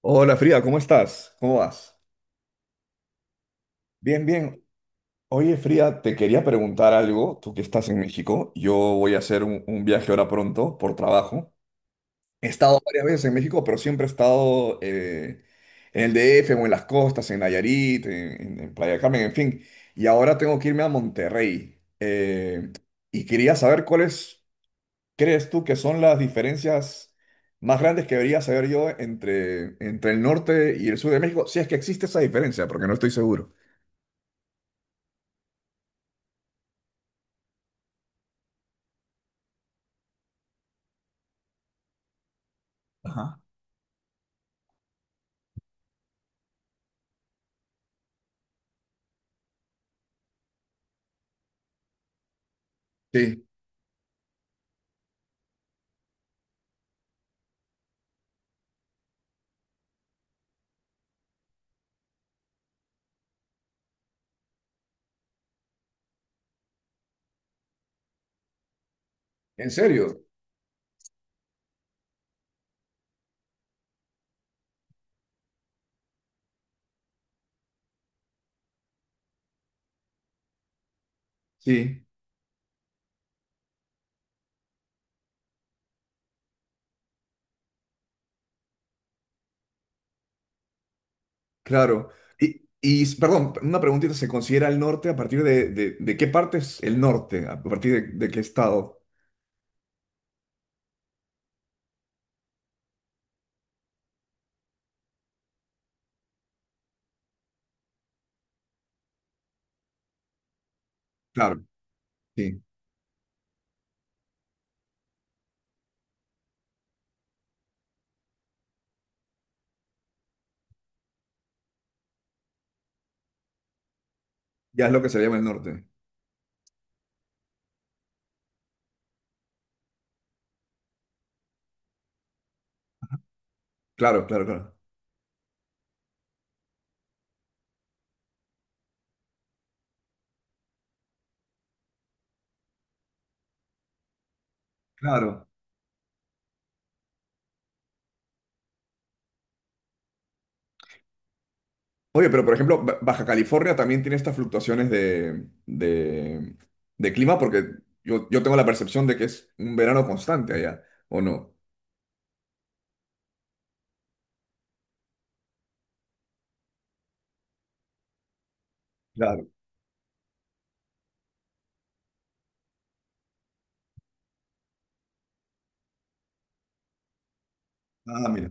Hola Frida, ¿cómo estás? ¿Cómo vas? Bien, bien. Oye Frida, te quería preguntar algo, tú que estás en México. Yo voy a hacer un viaje ahora pronto por trabajo. He estado varias veces en México, pero siempre he estado en el DF o en las costas, en Nayarit, en Playa del Carmen, en fin. Y ahora tengo que irme a Monterrey. Y quería saber cuáles crees tú que son las diferencias más grandes que debería saber yo entre el norte y el sur de México. Si es que existe esa diferencia, porque no estoy seguro. Ajá. Sí, en serio. Sí, claro. Perdón, una preguntita, ¿se considera el norte a partir de, de qué parte es el norte? ¿A partir de qué estado? Claro, sí. Ya es lo que se llama el norte. Claro, claro, claro. Claro. Oye, pero por ejemplo, Baja California también tiene estas fluctuaciones de clima porque yo tengo la percepción de que es un verano constante allá, ¿o no? Claro. Ah, mira,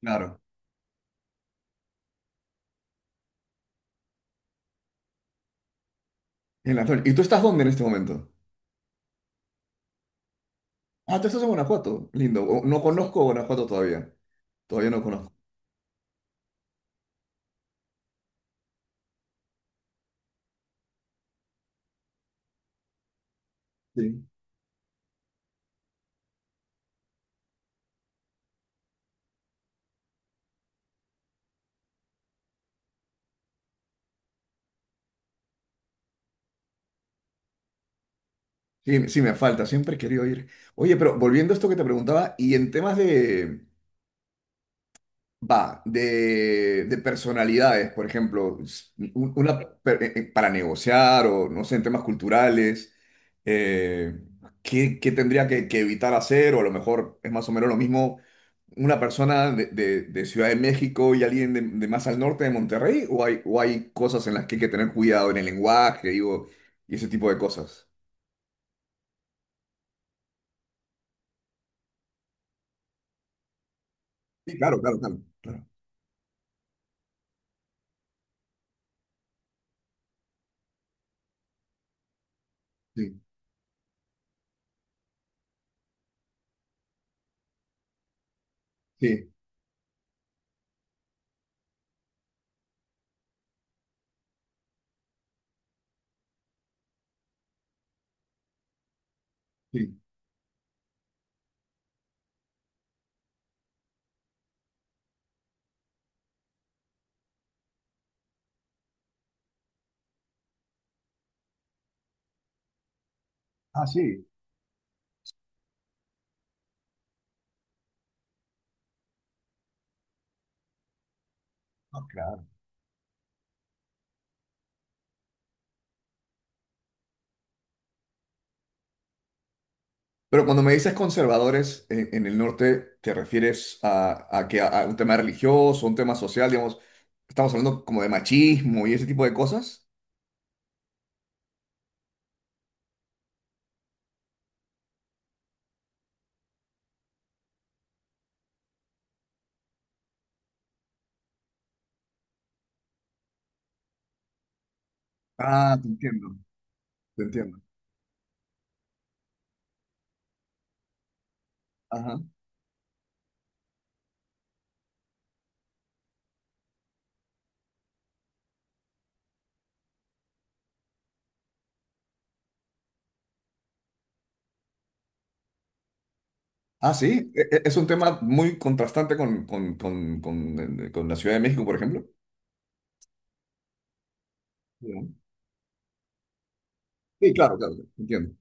claro. En la noche. ¿Y tú estás dónde en este momento? Ah, tú estás en Guanajuato. Lindo. No conozco Guanajuato todavía. Todavía no conozco. Sí. Sí, sí, me falta. Siempre he querido ir. Oye, pero volviendo a esto que te preguntaba, y en temas de, va, de personalidades, por ejemplo, una, para negociar o no sé, en temas culturales, eh, ¿qué, qué tendría que evitar hacer? O a lo mejor es más o menos lo mismo una persona de Ciudad de México y alguien de más al norte de Monterrey, o hay cosas en las que hay que tener cuidado en el lenguaje, digo, y ese tipo de cosas. Sí, claro, claro, claro, claro. Sí, sí, sí. Ah, sí. Ah, claro. Pero cuando me dices conservadores en el norte, ¿te refieres a que a un tema religioso, un tema social, digamos? Estamos hablando como de machismo y ese tipo de cosas. Ah, te entiendo, te entiendo. Ajá. Ah, sí, es un tema muy contrastante con la Ciudad de México, por ejemplo. Sí, claro, claro, entiendo.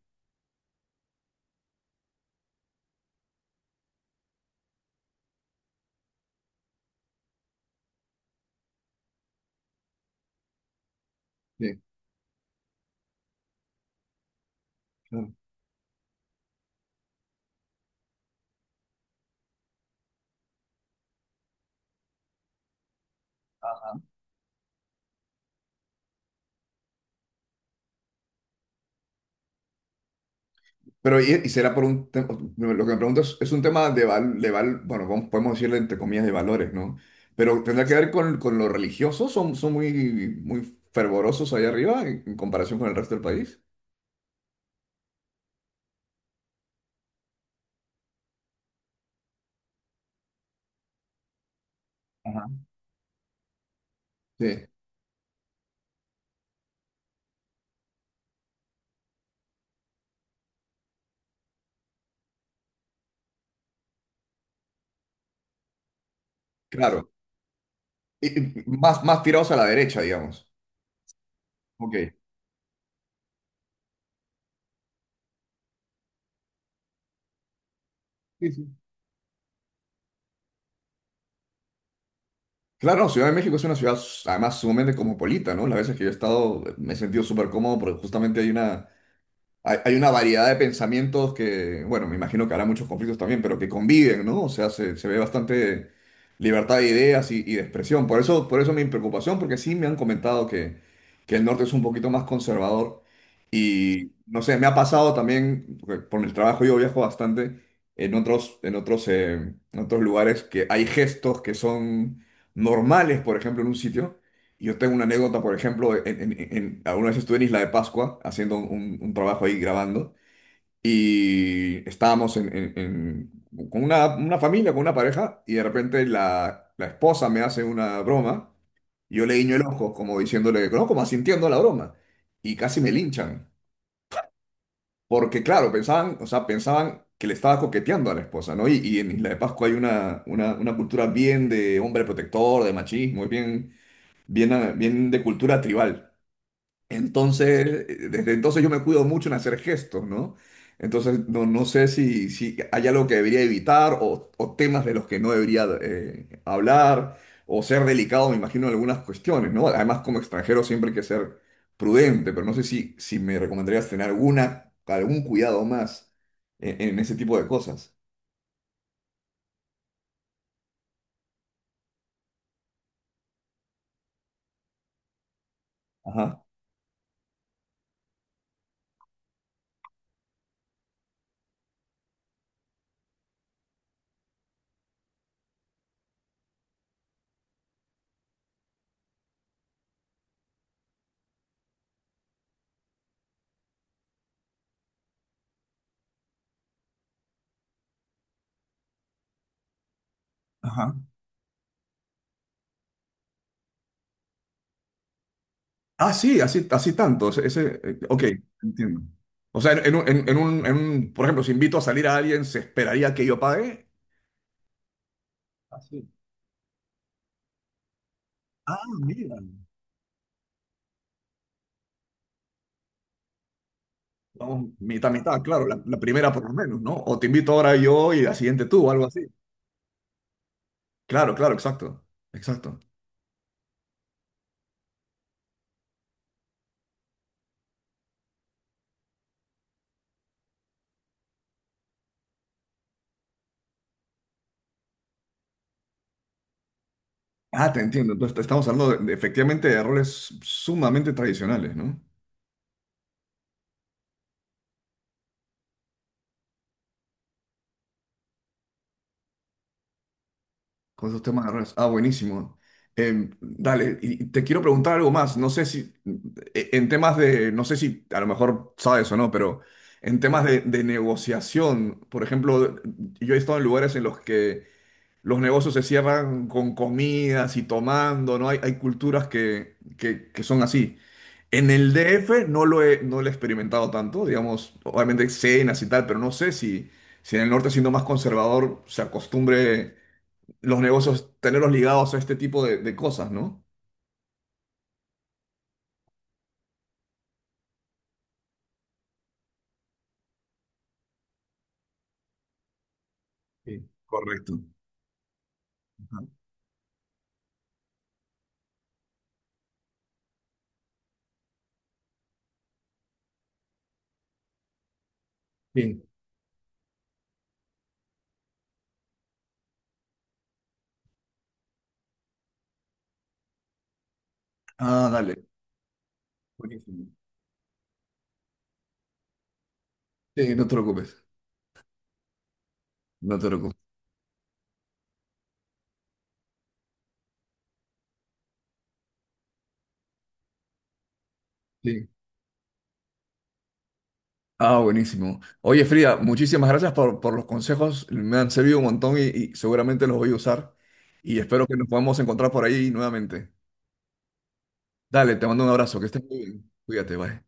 Sí. Pero, ¿y será por un tema? Lo que me pregunto es un tema de, val, bueno, podemos decirle entre comillas de valores, ¿no? Pero ¿tendrá que ver con los religiosos? ¿Son, son muy, muy fervorosos allá arriba en comparación con el resto del país? Ajá. Sí, claro. Y, y más, más tirados a la derecha, digamos. Ok. Sí, sí. Claro, Ciudad de México es una ciudad además sumamente cosmopolita, ¿no? Las veces que yo he estado me he sentido súper cómodo porque justamente hay una, hay una variedad de pensamientos que, bueno, me imagino que habrá muchos conflictos también, pero que conviven, ¿no? O sea, se ve bastante libertad de ideas y de expresión. Por eso mi preocupación, porque sí me han comentado que el norte es un poquito más conservador. Y no sé, me ha pasado también, porque por mi trabajo yo viajo bastante en otros lugares que hay gestos que son normales, por ejemplo, en un sitio. Y yo tengo una anécdota, por ejemplo, alguna vez estuve en Isla de Pascua haciendo un trabajo ahí grabando y estábamos con una familia, con una pareja y de repente la, la esposa me hace una broma. Yo le guiño el ojo como diciéndole, no, como asintiendo a la broma y casi me linchan. Porque claro, pensaban, o sea, pensaban que le estaba coqueteando a la esposa, ¿no? Y en Isla de Pascua hay una cultura bien de hombre protector, de machismo, es bien, bien, ah, bien de cultura tribal. Entonces, desde entonces yo me cuido mucho en hacer gestos, ¿no? Entonces, no, no sé si, si hay algo que debería evitar o temas de los que no debería hablar o ser delicado, me imagino, en algunas cuestiones, ¿no? Además, como extranjero siempre hay que ser prudente, pero no sé si, si me recomendarías tener alguna, algún cuidado más en ese tipo de cosas. Ajá. Ajá. Ah, sí, así, así tanto. Ese, ok, entiendo. O sea, por ejemplo, si invito a salir a alguien, ¿se esperaría que yo pague? Así. Ah, mira. Vamos, mitad, mitad, claro, la primera por lo menos, ¿no? O te invito ahora yo y la siguiente tú, o algo así. Claro, claro, exacto, exacto. Ah, te entiendo. Entonces, estamos hablando efectivamente de roles sumamente tradicionales, ¿no? Con esos temas de redes. Ah, buenísimo. Dale, y te quiero preguntar algo más. No sé si, en temas de, no sé si a lo mejor sabes o no, pero en temas de negociación, por ejemplo, yo he estado en lugares en los que los negocios se cierran con comidas y tomando, ¿no? Hay culturas que son así. En el DF no lo he, no lo he experimentado tanto, digamos, obviamente cenas y tal, pero no sé si, si en el norte siendo más conservador se acostumbre los negocios, tenerlos ligados a este tipo de cosas, ¿no? Sí, correcto. Ajá. Sí, ah, dale. Buenísimo. Sí, no te preocupes. No te preocupes. Sí. Ah, buenísimo. Oye, Frida, muchísimas gracias por los consejos. Me han servido un montón y seguramente los voy a usar. Y espero que nos podamos encontrar por ahí nuevamente. Dale, te mando un abrazo. Que estés muy bien. Cuídate, bye.